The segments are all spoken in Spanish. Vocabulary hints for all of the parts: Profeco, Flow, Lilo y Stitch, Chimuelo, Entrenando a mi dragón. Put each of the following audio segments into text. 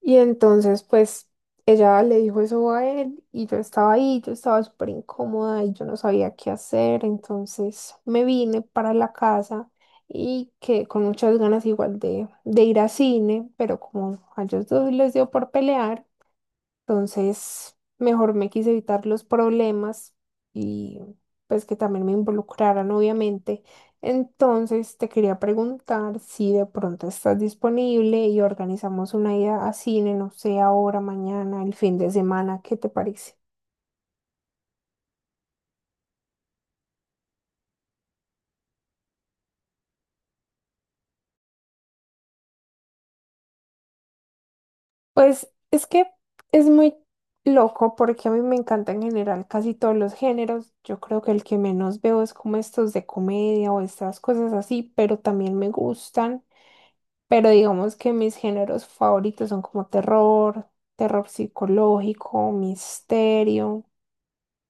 Y entonces, pues, ella le dijo eso a él y yo estaba ahí, yo estaba súper incómoda y yo no sabía qué hacer. Entonces me vine para la casa y que con muchas ganas igual de ir a cine, pero como a ellos dos les dio por pelear. Entonces, mejor me quise evitar los problemas y pues que también me involucraran, obviamente. Entonces, te quería preguntar si de pronto estás disponible y organizamos una ida a cine, no sé, ahora, mañana, el fin de semana, ¿qué te parece? Pues es que es muy loco porque a mí me encanta en general casi todos los géneros. Yo creo que el que menos veo es como estos de comedia o estas cosas así, pero también me gustan. Pero digamos que mis géneros favoritos son como terror, terror psicológico, misterio.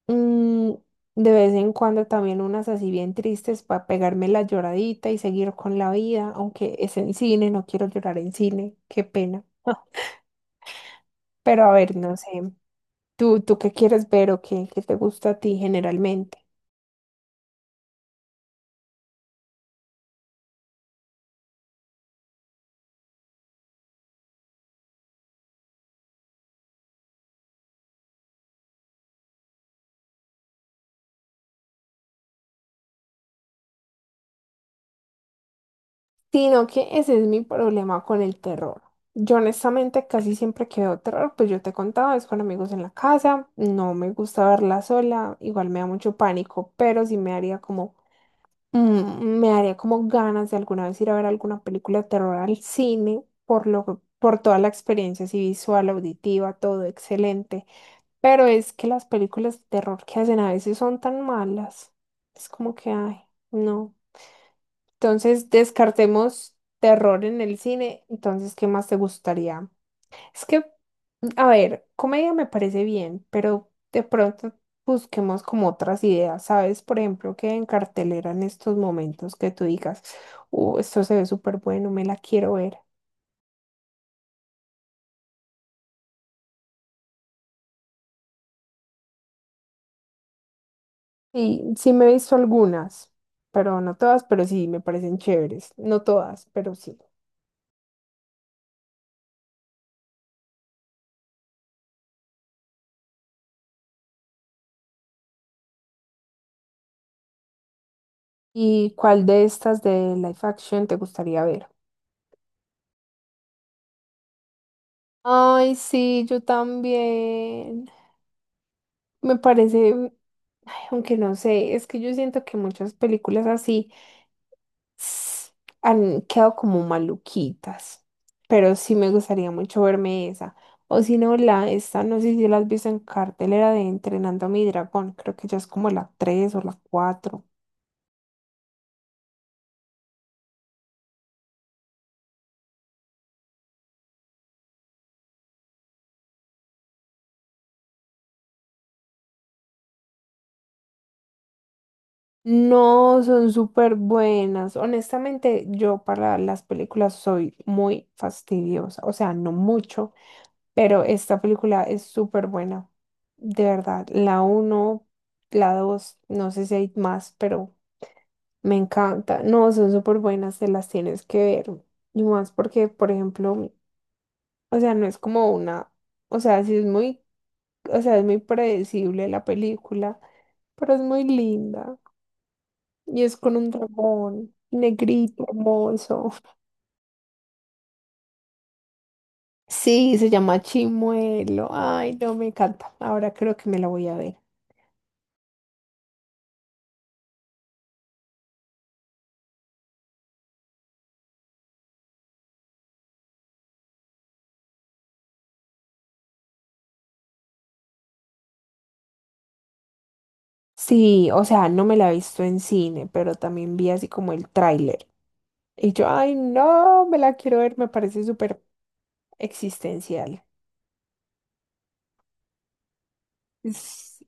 mm, de vez en cuando también unas así bien tristes para pegarme la lloradita y seguir con la vida, aunque es en cine, no quiero llorar en cine, qué pena. Pero a ver, no sé, ¿tú qué quieres ver o qué te gusta a ti generalmente. Sino que ese es mi problema con el terror. Yo honestamente casi siempre que veo terror, pues yo te contaba, es con amigos en la casa, no me gusta verla sola, igual me da mucho pánico, pero sí me haría me haría como ganas de alguna vez ir a ver alguna película de terror al cine, por toda la experiencia así visual, auditiva, todo excelente. Pero es que las películas de terror que hacen a veces son tan malas, es como que, ay, no. Entonces, descartemos terror en el cine. Entonces, ¿qué más te gustaría? Es que, a ver, comedia me parece bien, pero de pronto busquemos como otras ideas, ¿sabes? Por ejemplo, que en cartelera en estos momentos que tú digas, esto se ve súper bueno, me la quiero ver. Y sí me he visto algunas, pero no todas, pero sí me parecen chéveres. No todas, pero sí. ¿Y cuál de estas de live action te gustaría ver? Ay, sí, yo también. Me parece, mm, ay, aunque no sé, es que yo siento que muchas películas así s- han quedado como maluquitas, pero sí me gustaría mucho verme esa. O si no, la esta, no sé si la has visto en cartelera de Entrenando a mi dragón, creo que ya es como la tres o la cuatro. No, son súper buenas. Honestamente, yo para las películas soy muy fastidiosa, o sea, no mucho. Pero esta película es súper buena, de verdad. La uno, la dos, no sé si hay más, pero me encanta. No, son súper buenas, te las tienes que ver. Y más porque, por ejemplo, o sea, no es como una, o sea, sí es muy, o sea, es muy predecible la película, pero es muy linda. Y es con un dragón negrito, hermoso. Sí, se llama Chimuelo. Ay, no, me encanta. Ahora creo que me la voy a ver. Sí, o sea, no me la he visto en cine, pero también vi así como el tráiler. Y yo, ay, no, me la quiero ver, me parece súper existencial. Es-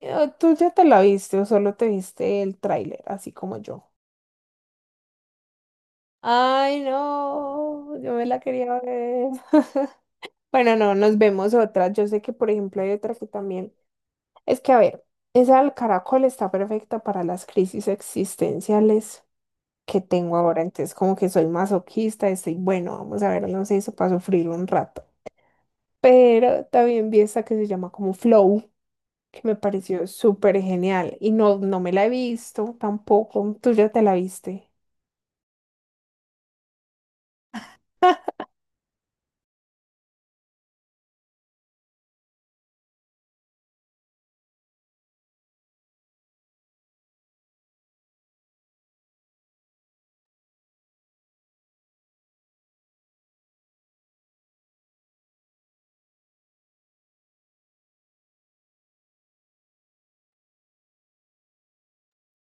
¿Tú ya te la viste o solo te viste el tráiler, así como yo? Ay, no, yo me la quería ver. Bueno, no, nos vemos otra. Yo sé que, por ejemplo, hay otra que también. Es que, a ver, esa del caracol está perfecta para las crisis existenciales que tengo ahora. Entonces, como que soy masoquista, estoy, bueno, vamos a ver, no sé, eso para sufrir un rato. Pero también vi esta que se llama como Flow, que me pareció súper genial. Y no, no me la he visto tampoco. ¿Tú ya te la viste?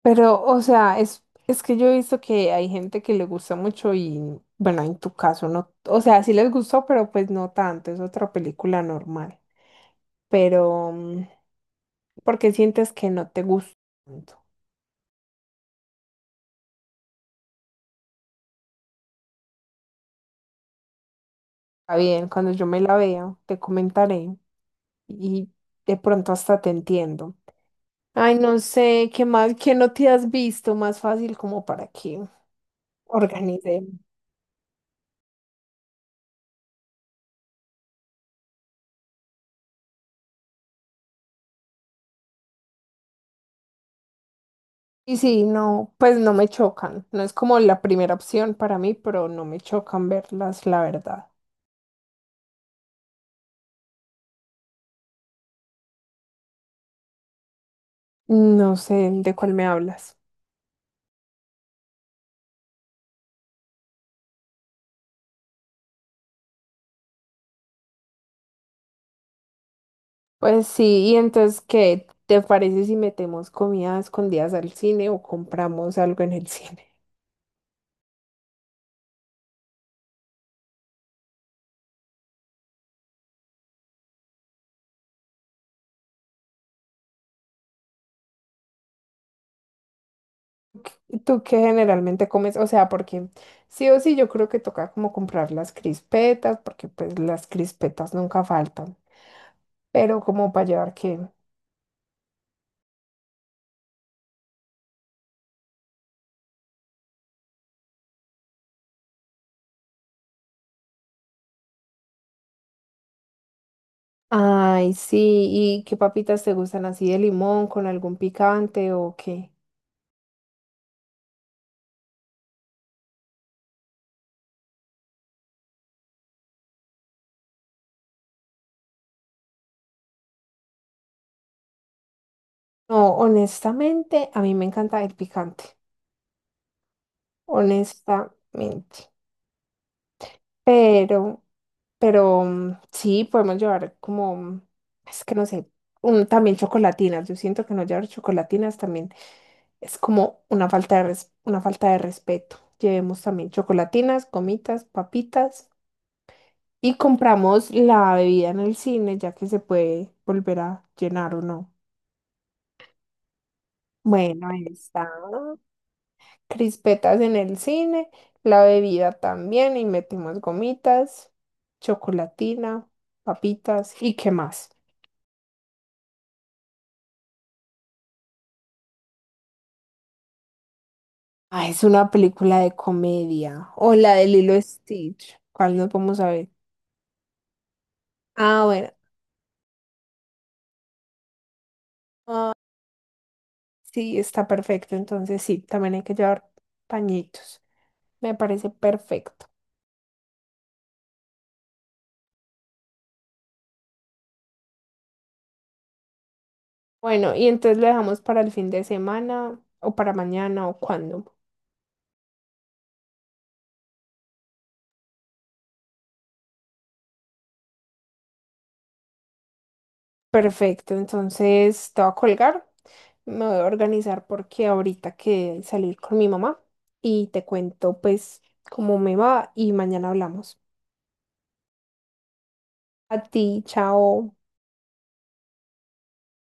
Pero, o sea, es que yo he visto que hay gente que le gusta mucho y, bueno, en tu caso no, o sea, sí les gustó, pero pues no tanto, es otra película normal. Pero, mm, ¿Por qué sientes que no te gusta tanto? Está bien, cuando yo me la vea, te comentaré y de pronto hasta te entiendo. Ay, no sé, qué más, qué no te has visto, más fácil como para que organicemos. Y sí, no, pues no me chocan. No es como la primera opción para mí, pero no me chocan verlas, la verdad. No sé de cuál me hablas. Pues sí, y entonces, ¿qué te parece si metemos comidas escondidas al cine o compramos algo en el cine? ¿Tú qué generalmente comes? O sea, porque sí o sí yo creo que toca como comprar las crispetas, porque pues las crispetas nunca faltan. Pero como para llevar qué. Ay, sí, ¿y qué papitas te gustan así de limón con algún picante o qué? No, honestamente, a mí me encanta el picante, honestamente. Pero, pero sí, podemos llevar como, es que no sé, también chocolatinas. Yo siento que no llevar chocolatinas también es como una falta una falta de respeto. Llevemos también chocolatinas, gomitas, papitas. Y compramos la bebida en el cine, ya que se puede volver a llenar o no. Bueno, ahí está. Crispetas en el cine, la bebida también, y metimos gomitas, chocolatina, papitas, ¿y qué más? Ah, es una película de comedia. O la de Lilo y Stitch. ¿Cuál nos vamos a ver? Ah, bueno, sí, está perfecto. Entonces sí, también hay que llevar pañitos. Me parece perfecto. Bueno, y entonces lo dejamos para el fin de semana o para mañana o cuando. Perfecto, entonces te voy a colgar, me voy a organizar porque ahorita que salir con mi mamá y te cuento pues cómo me va y mañana hablamos. A ti, chao.